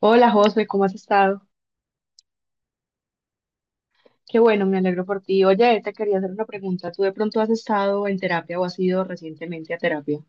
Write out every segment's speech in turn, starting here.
Hola José, ¿cómo has estado? Qué bueno, me alegro por ti. Oye, te quería hacer una pregunta. ¿Tú de pronto has estado en terapia o has ido recientemente a terapia?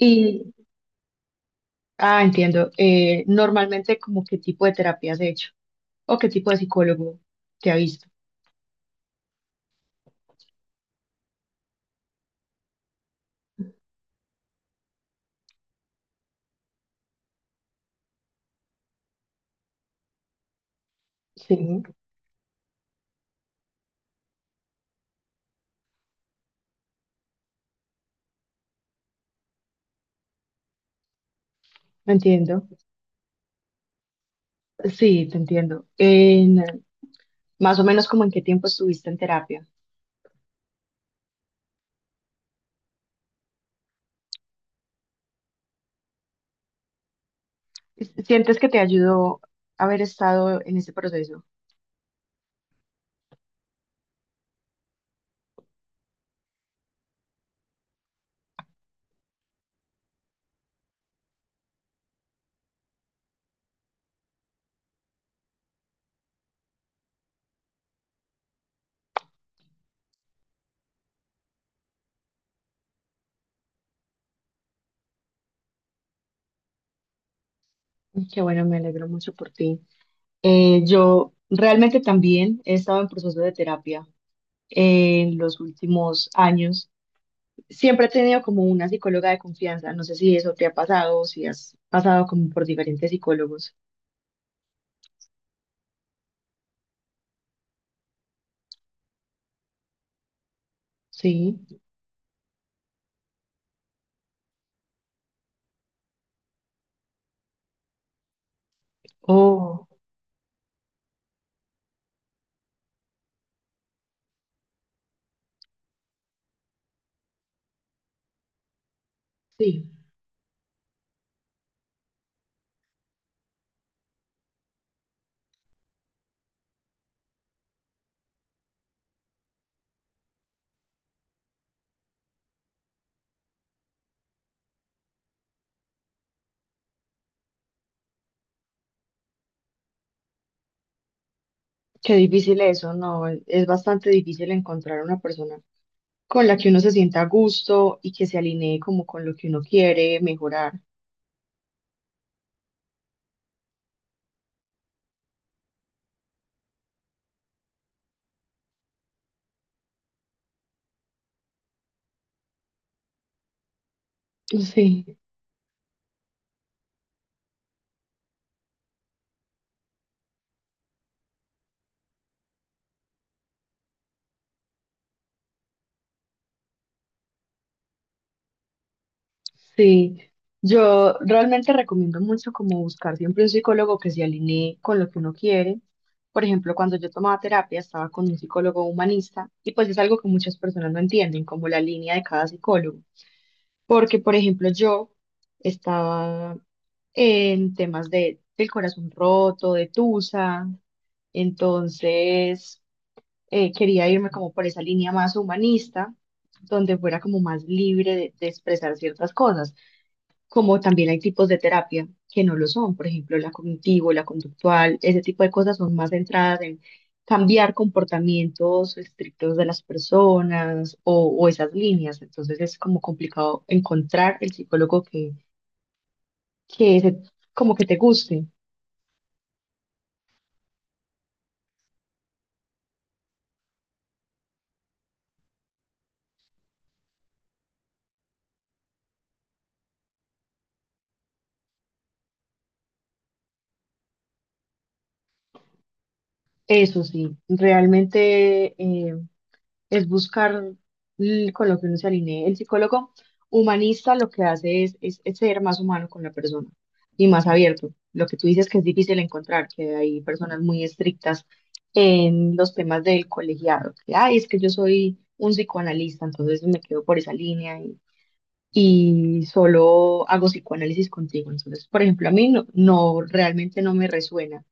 Y, Entiendo. Normalmente, ¿como qué tipo de terapia has hecho? ¿O qué tipo de psicólogo te ha visto? Sí, entiendo. Sí, te entiendo. En, más o menos, ¿como en qué tiempo estuviste en terapia? ¿Sientes que te ayudó haber estado en ese proceso? Qué bueno, me alegro mucho por ti. Yo realmente también he estado en proceso de terapia en los últimos años. Siempre he tenido como una psicóloga de confianza. No sé si eso te ha pasado o si has pasado como por diferentes psicólogos. Sí. Oh, sí. Qué difícil eso, ¿no? Es bastante difícil encontrar una persona con la que uno se sienta a gusto y que se alinee como con lo que uno quiere mejorar. Sí. Sí, yo realmente recomiendo mucho como buscar siempre un psicólogo que se alinee con lo que uno quiere. Por ejemplo, cuando yo tomaba terapia estaba con un psicólogo humanista y pues es algo que muchas personas no entienden, como la línea de cada psicólogo. Porque, por ejemplo, yo estaba en temas del corazón roto, de tusa, entonces quería irme como por esa línea más humanista, donde fuera como más libre de expresar ciertas cosas. Como también hay tipos de terapia que no lo son, por ejemplo, la cognitivo, la conductual, ese tipo de cosas son más centradas en cambiar comportamientos estrictos de las personas o esas líneas. Entonces es como complicado encontrar el psicólogo que se- como que te guste. Eso sí, realmente es buscar con lo que uno se alinee. El psicólogo humanista lo que hace es ser más humano con la persona y más abierto. Lo que tú dices que es difícil encontrar, que hay personas muy estrictas en los temas del colegiado, que, ay, es que yo soy un psicoanalista, entonces me quedo por esa línea y solo hago psicoanálisis contigo. Entonces, por ejemplo, a mí no, no realmente no me resuena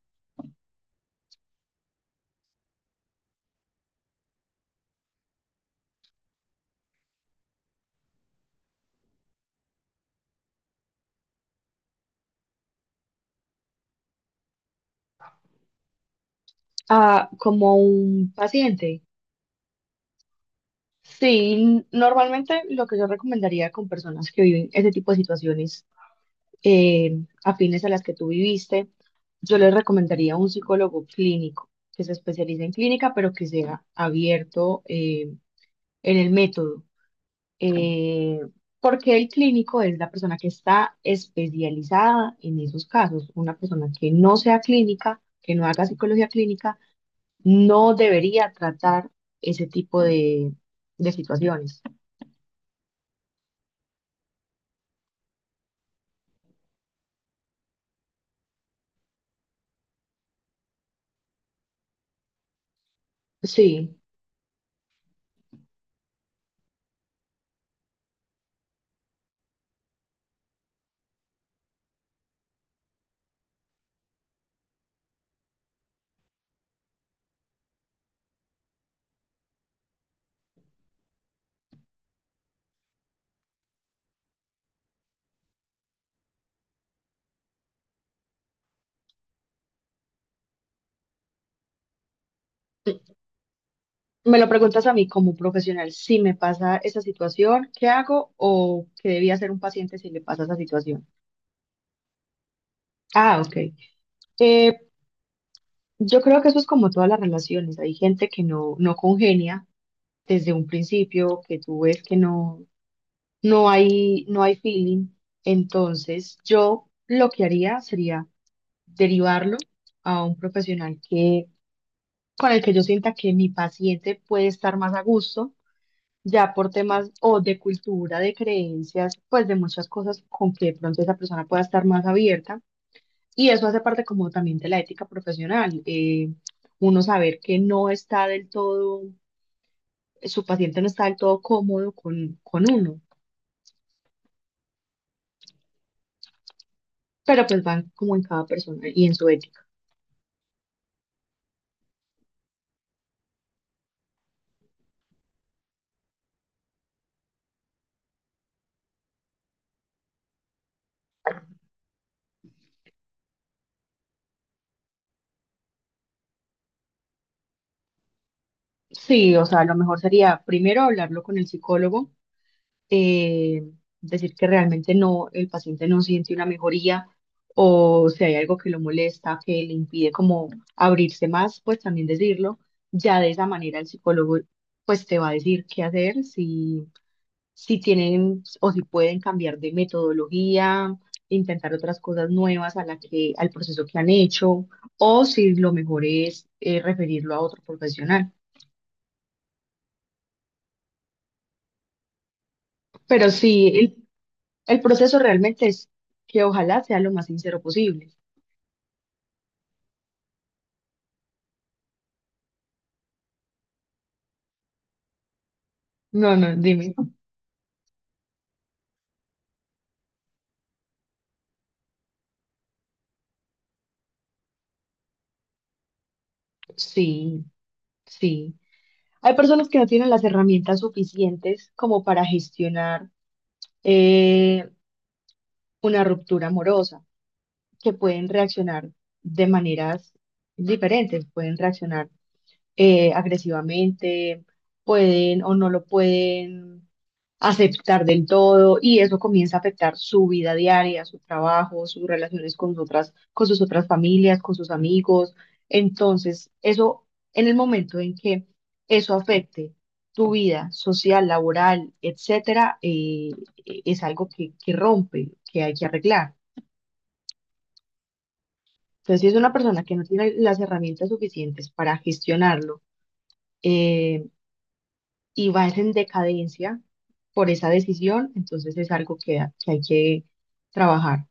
como un paciente. Sí, normalmente lo que yo recomendaría con personas que viven ese tipo de situaciones afines a las que tú viviste, yo les recomendaría un psicólogo clínico que se especialice en clínica, pero que sea abierto en el método, eh, porque el clínico es la persona que está especializada en esos casos. Una persona que no sea clínica, que no haga psicología clínica, no debería tratar ese tipo de situaciones. Sí. Me lo preguntas a mí como profesional, si me pasa esa situación, ¿qué hago? ¿O qué debía hacer un paciente si le pasa esa situación? Ah, ok. Eh, yo creo que eso es como todas las relaciones. Hay gente que no, no congenia desde un principio, que tú ves que no hay, no hay feeling. Entonces, yo lo que haría sería derivarlo a un profesional con el que yo sienta que mi paciente puede estar más a gusto ya por temas o de cultura, de creencias, pues de muchas cosas con que de pronto esa persona pueda estar más abierta. Y eso hace parte como también de la ética profesional, uno saber que no está del todo, su paciente no está del todo cómodo con uno, pero pues van como en cada persona y en su ética. Sí, o sea, lo mejor sería primero hablarlo con el psicólogo eh, decir que realmente no, el paciente no siente una mejoría o si hay algo que lo molesta, que le impide como abrirse más, pues también decirlo. Ya de esa manera el psicólogo pues te va a decir qué hacer, si tienen o si pueden cambiar de metodología, intentar otras cosas nuevas a la que, al proceso que han hecho, o si lo mejor es referirlo a otro profesional. Pero sí, el proceso realmente es que ojalá sea lo más sincero posible. No, no, dime. Sí, sí. Hay personas que no tienen las herramientas suficientes como para gestionar eh, una ruptura amorosa, que pueden reaccionar de maneras diferentes, pueden reaccionar agresivamente, pueden o no lo pueden aceptar del todo y eso comienza a afectar su vida diaria, su trabajo, sus relaciones con otras, con sus otras familias, con sus amigos. Entonces, eso en el momento en que eso afecte tu vida social, laboral, etcétera, es algo que rompe, que hay que arreglar. Entonces, si es una persona que no tiene las herramientas suficientes para gestionarlo, eh, y vas en decadencia por esa decisión, entonces es algo que hay que trabajar.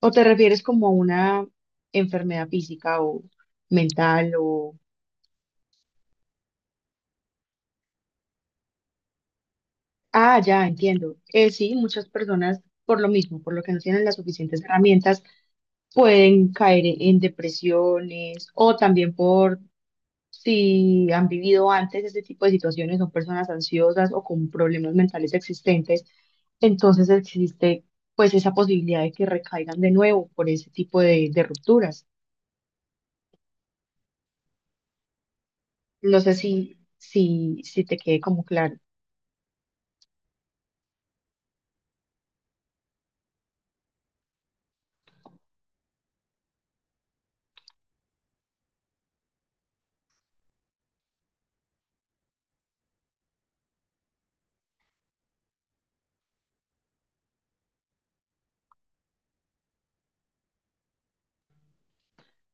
¿O te refieres como a una enfermedad física o mental o... Ah, ya entiendo. Sí, muchas personas por lo mismo, por lo que no tienen las suficientes herramientas, pueden caer en depresiones o también por si han vivido antes este tipo de situaciones, son personas ansiosas o con problemas mentales existentes, entonces existe pues esa posibilidad de que recaigan de nuevo por ese tipo de rupturas. No sé si te quede como claro.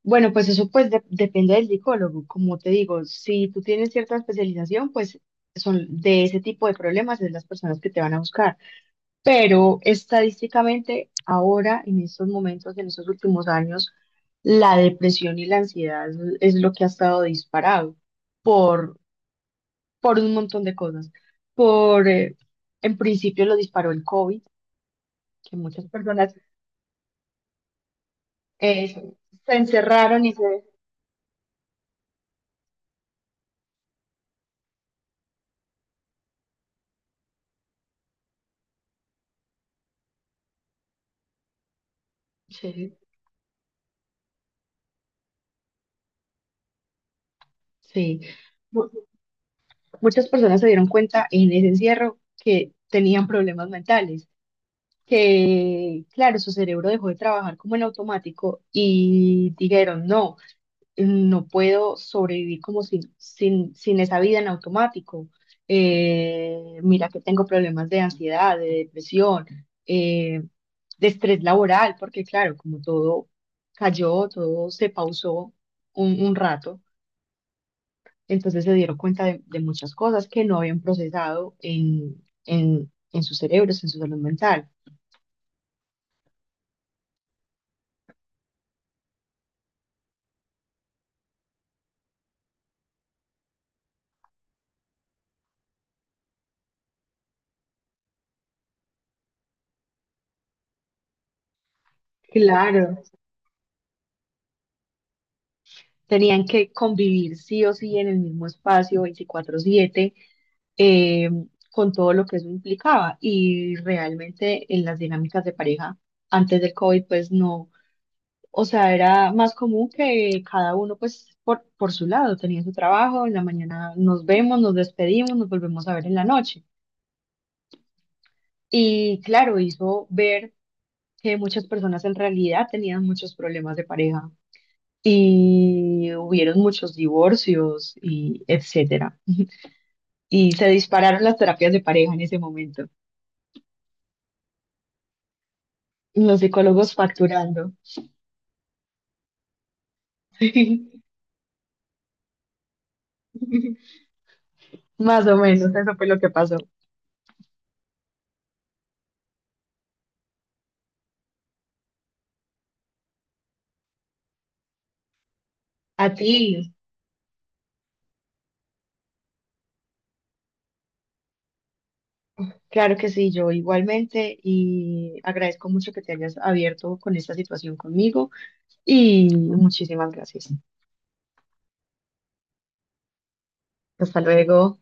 Bueno, pues eso pues depende del psicólogo. Como te digo, si tú tienes cierta especialización, pues son de ese tipo de problemas es las personas que te van a buscar. Pero estadísticamente ahora, en estos momentos, en estos últimos años, la depresión y la ansiedad es lo que ha estado disparado por, por un montón de cosas. Por, en principio lo disparó el COVID, que muchas personas eh, se se encerraron y se... Sí, sí. Mu- Muchas personas se dieron cuenta en ese encierro que tenían problemas mentales. Que, claro, su cerebro dejó de trabajar como en automático y dijeron, no, no puedo sobrevivir como sin esa vida en automático. Mira que tengo problemas de ansiedad, de depresión, eh, de estrés laboral, porque claro, como todo cayó, todo se pausó un rato, entonces se dieron cuenta de muchas cosas que no habían procesado en sus cerebros, en su salud mental. Claro. Tenían que convivir sí o sí en el mismo espacio 24/7 eh, con todo lo que eso implicaba. Y realmente en las dinámicas de pareja antes del COVID, pues no, o sea, era más común que cada uno pues por su lado tenía su trabajo, en la mañana nos vemos, nos despedimos, nos volvemos a ver en la noche. Y claro, hizo ver que muchas personas en realidad tenían muchos problemas de pareja y hubieron muchos divorcios y etcétera. Y se dispararon las terapias de pareja en ese momento. Los psicólogos facturando. Más o menos, eso fue lo que pasó. A ti, claro que sí, yo igualmente y agradezco mucho que te hayas abierto con esta situación conmigo y muchísimas gracias. Hasta luego.